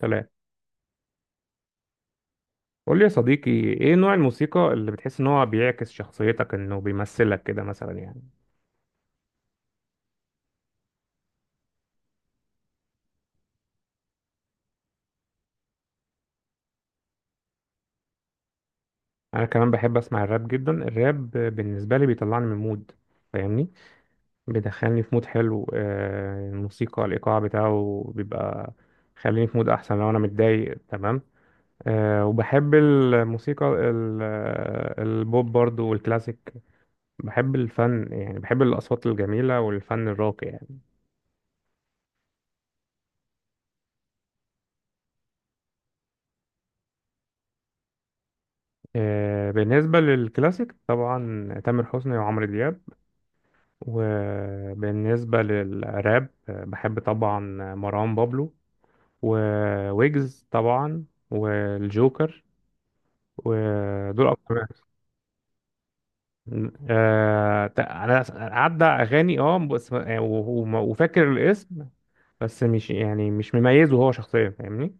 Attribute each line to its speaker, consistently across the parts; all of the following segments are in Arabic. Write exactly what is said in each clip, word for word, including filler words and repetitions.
Speaker 1: سلام. قول لي يا صديقي، ايه نوع الموسيقى اللي بتحس ان هو بيعكس شخصيتك، انه بيمثلك كده مثلا يعني؟ انا كمان بحب اسمع الراب جدا. الراب بالنسبه لي بيطلعني من مود، فاهمني، بيدخلني في مود حلو. آه، الموسيقى الايقاع بتاعه بيبقى خليني في مود احسن لو انا متضايق، تمام. أه وبحب الموسيقى ال- آه، البوب برضو والكلاسيك. بحب الفن يعني، بحب الاصوات الجميله والفن الراقي يعني. آه، بالنسبة للكلاسيك طبعا تامر حسني وعمرو دياب، وبالنسبة للراب، آه، بحب طبعا مروان بابلو وويجز طبعا، والجوكر، ودول أكتر. آه، تق- أنا عدى أغاني أه بس يعني و- و- وفاكر الاسم، بس مش يعني مش مميزه هو شخصيا، فاهمني.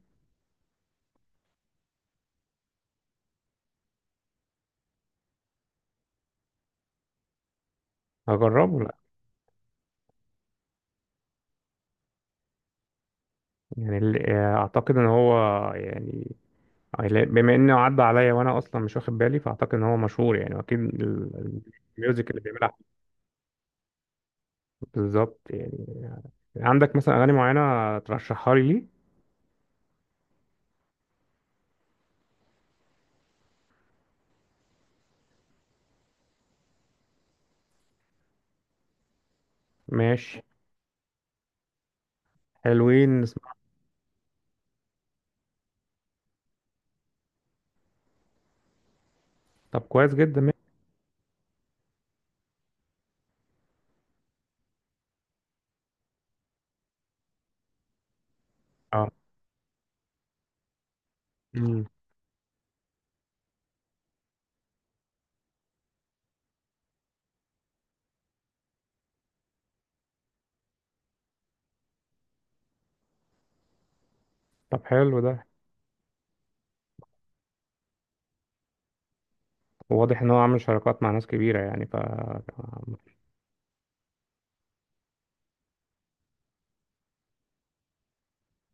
Speaker 1: هجربه، لا. يعني ال- آه، أعتقد إن هو يعني، يعني لا، بما انه عدى عليا وانا اصلا مش واخد بالي، فاعتقد ان هو مشهور يعني، واكيد ال- الميوزك اللي بيعملها. بالظبط يعني. عندك مثلا اغاني معينه ترشحها لي ليه؟ ماشي. حلوين نسمع. طب كويس جدا ماشي. اه. مم. طب حلو ده. واضح ان هو عامل شراكات مع ناس كبيره يعني، ف...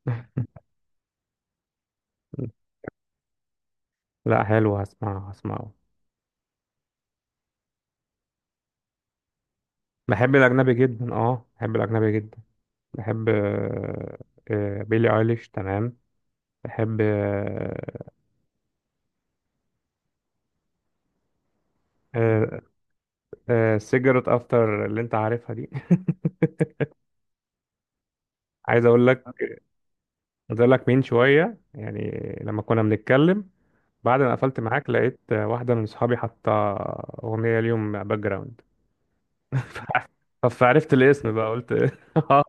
Speaker 1: لا، حلو، هسمعه هسمعه. بحب الأجنبي جدا، اه، بحب الأجنبي جدا. بحب، آه، آه، بيلي ايليش، تمام. بحب، آه، آه، آه، سيجرت افتر اللي انت عارفها دي. عايز اقول لك عايز اقول لك من شويه يعني، لما كنا بنتكلم، بعد ما قفلت معاك لقيت آه، واحده من صحابي حاطه اغنيه اليوم باك جراوند. فعرفت الاسم بقى، قلت... اه.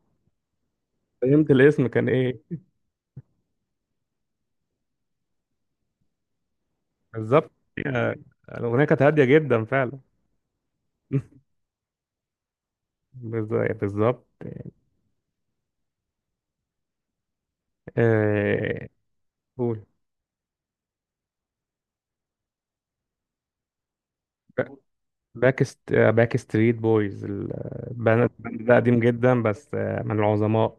Speaker 1: فهمت الاسم كان ايه؟ بالظبط. آه، الاغنيه كانت هاديه جدا فعلا. بالظ- بالظبط. آه، قول. باك است... باك ستريت بويز. الباند ده قديم جدا، بس آه، من العظماء.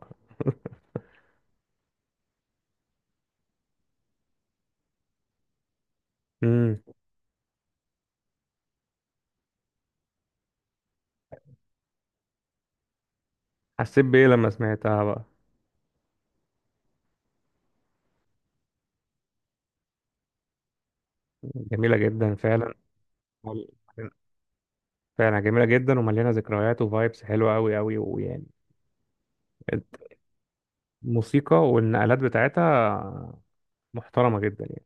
Speaker 1: حسيت بإيه لما سمعتها بقى؟ جميلة جدا فعلا. فعلا جميلة جدا، ومليانة ذكريات وفايبس حلوة أوي أوي، ويعني... الموسيقى والنقلات بتاعتها محترمة جدا يعني.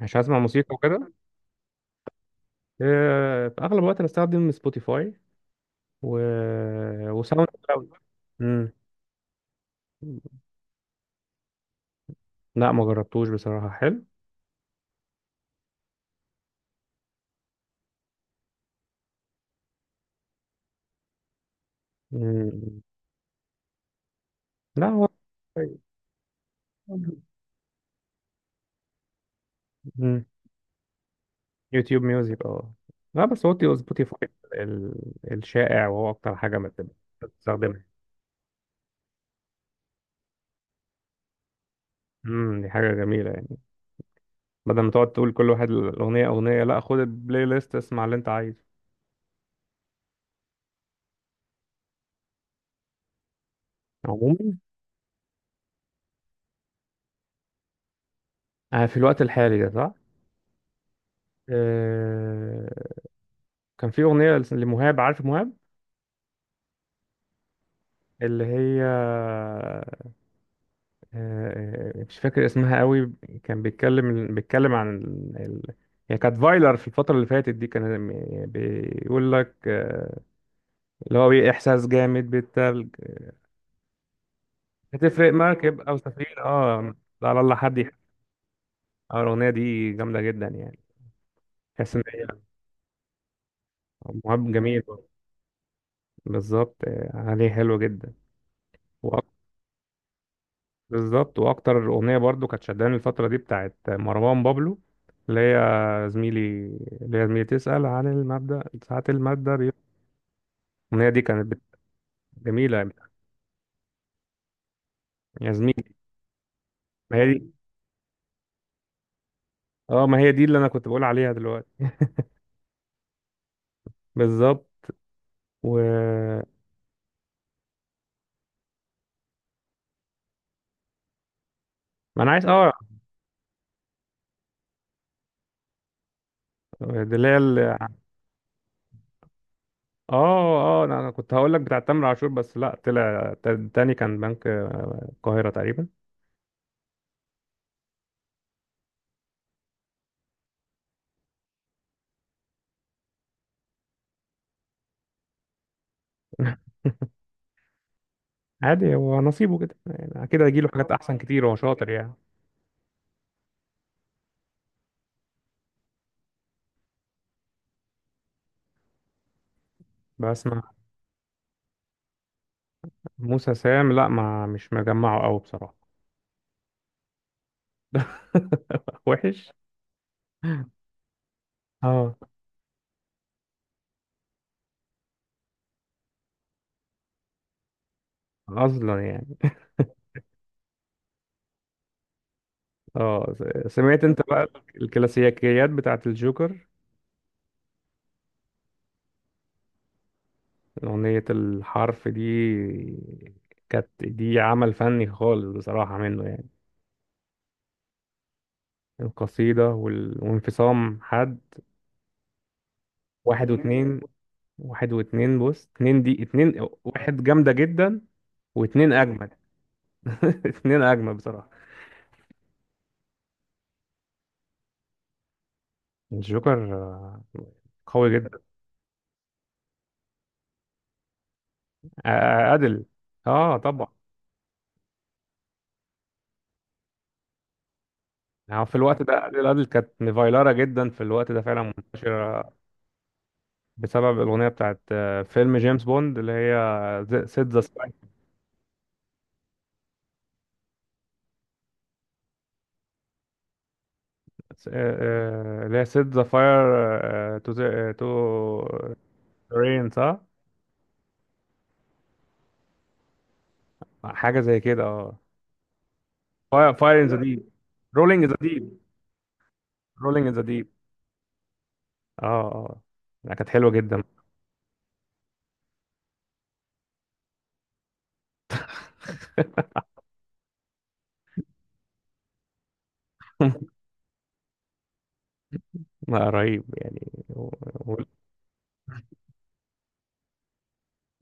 Speaker 1: مش هسمع موسيقى وكده. آه، في أغلب الوقت بستخدم سبوتيفاي و... وساوند كلاود. مم. لا، ما جربتوش بصراحة. حلو. مم. لا هو... مم. يوتيوب ميوزك، اه. لا بس هو تيو- سبوتيفاي ال- الشائع، وهو اكتر حاجه مت- بتستخدمها. امم دي حاجه جميله يعني، بدل ما تقعد تقول كل واحد الاغنيه اغنيه، لا، خد البلاي ليست، اسمع اللي انت عايزه. عموما، آه، في الوقت الحالي ده، صح. آه، كان في اغنيه لمهاب. عارف مهاب؟ اللي هي، آه، آه، مش فاكر اسمها قوي. كان بيتكلم بيتكلم عن ال... ال- هي كانت فايلر في الفتره اللي فاتت دي. كان بيقول لك، آه، اللي هو بيه احساس جامد بالتلج. هتفرق مركب او سفينه، اه. لا، على الله حد يحب. آه، الاغنيه دي جامده جدا يعني، تحس ان هي... مهاب جميل برضه. بالظبط. آه، عليه حلو جدا. وأك- بالظبط. واكتر اغنيه برضو كانت شداني الفتره دي بتاعت مروان بابلو، اللي هي زميلي اللي هي زميلي تسأل عن المبدأ ساعة المادة بي- الأغنية دي كانت بت- جميلة. يا زميلي. ما هي دي. اه، ما هي دي اللي أنا كنت بقول عليها دلوقتي. بالظبط. و... ما أنا عايز، اه. دي اللي هي... اه، اه، انا أنا كنت هقول لك بتاع تامر عاشور، بس لا، طلع تا- تاني كان بنك القاهرة تقريبا. عادي، هو نصيبه كده يعني، اكيد هيجيله حاجات احسن كتير، هو شاطر يعني. بس مع... موسى سام، لا، ما مش مجمعه قوي بصراحة. وحش. اه. اصلا يعني. اه، س- سمعت انت بقى الكلاسيكيات بتاعت الجوكر؟ اغنية الحرف دي، كانت دي عمل فني خالص بصراحة منه يعني. القصيدة وال... وانفصام حد. واحد واتنين. واحد واتنين، بص، اتنين دي، اتنين واحد جامدة جدا. واتنين أجمل. اتنين أجمل بصراحة. الجوكر، آه، قوي جدا. آه، أدل، اه، طبعا. يعني في الوقت ده أدل أدل كانت مفايلارة جدا، في الوقت ده فعلا منتشرة، بسبب الأغنية بتاعت آه، فيلم جيمس بوند، اللي هي سيت ذا ساير، اللي هي سيت ذا فاير تو تو رين، صح؟ حاجة زي كده. اه، فاير ان ذا ديب، رولينج ذا ديب. رولينج ذا ديب، اه، اه. لا، كانت حلوة جدا. لا، رهيب يعني و- و-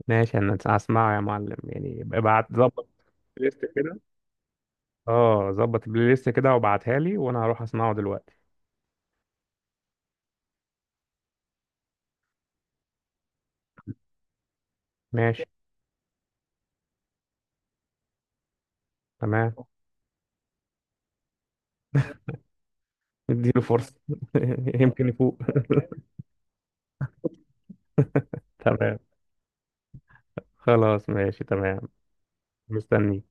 Speaker 1: ماشي، انا هسمعه يا معلم يعني، ابعت ظبط البلاي ليست كده. اه، ظبط البلاي ليست كده وابعتها لي وانا هروح اسمعه دلوقتي. ماشي. تمام. اديله فرصة. يمكن يفوق. تمام. خلاص، ماشي، تمام. مستني.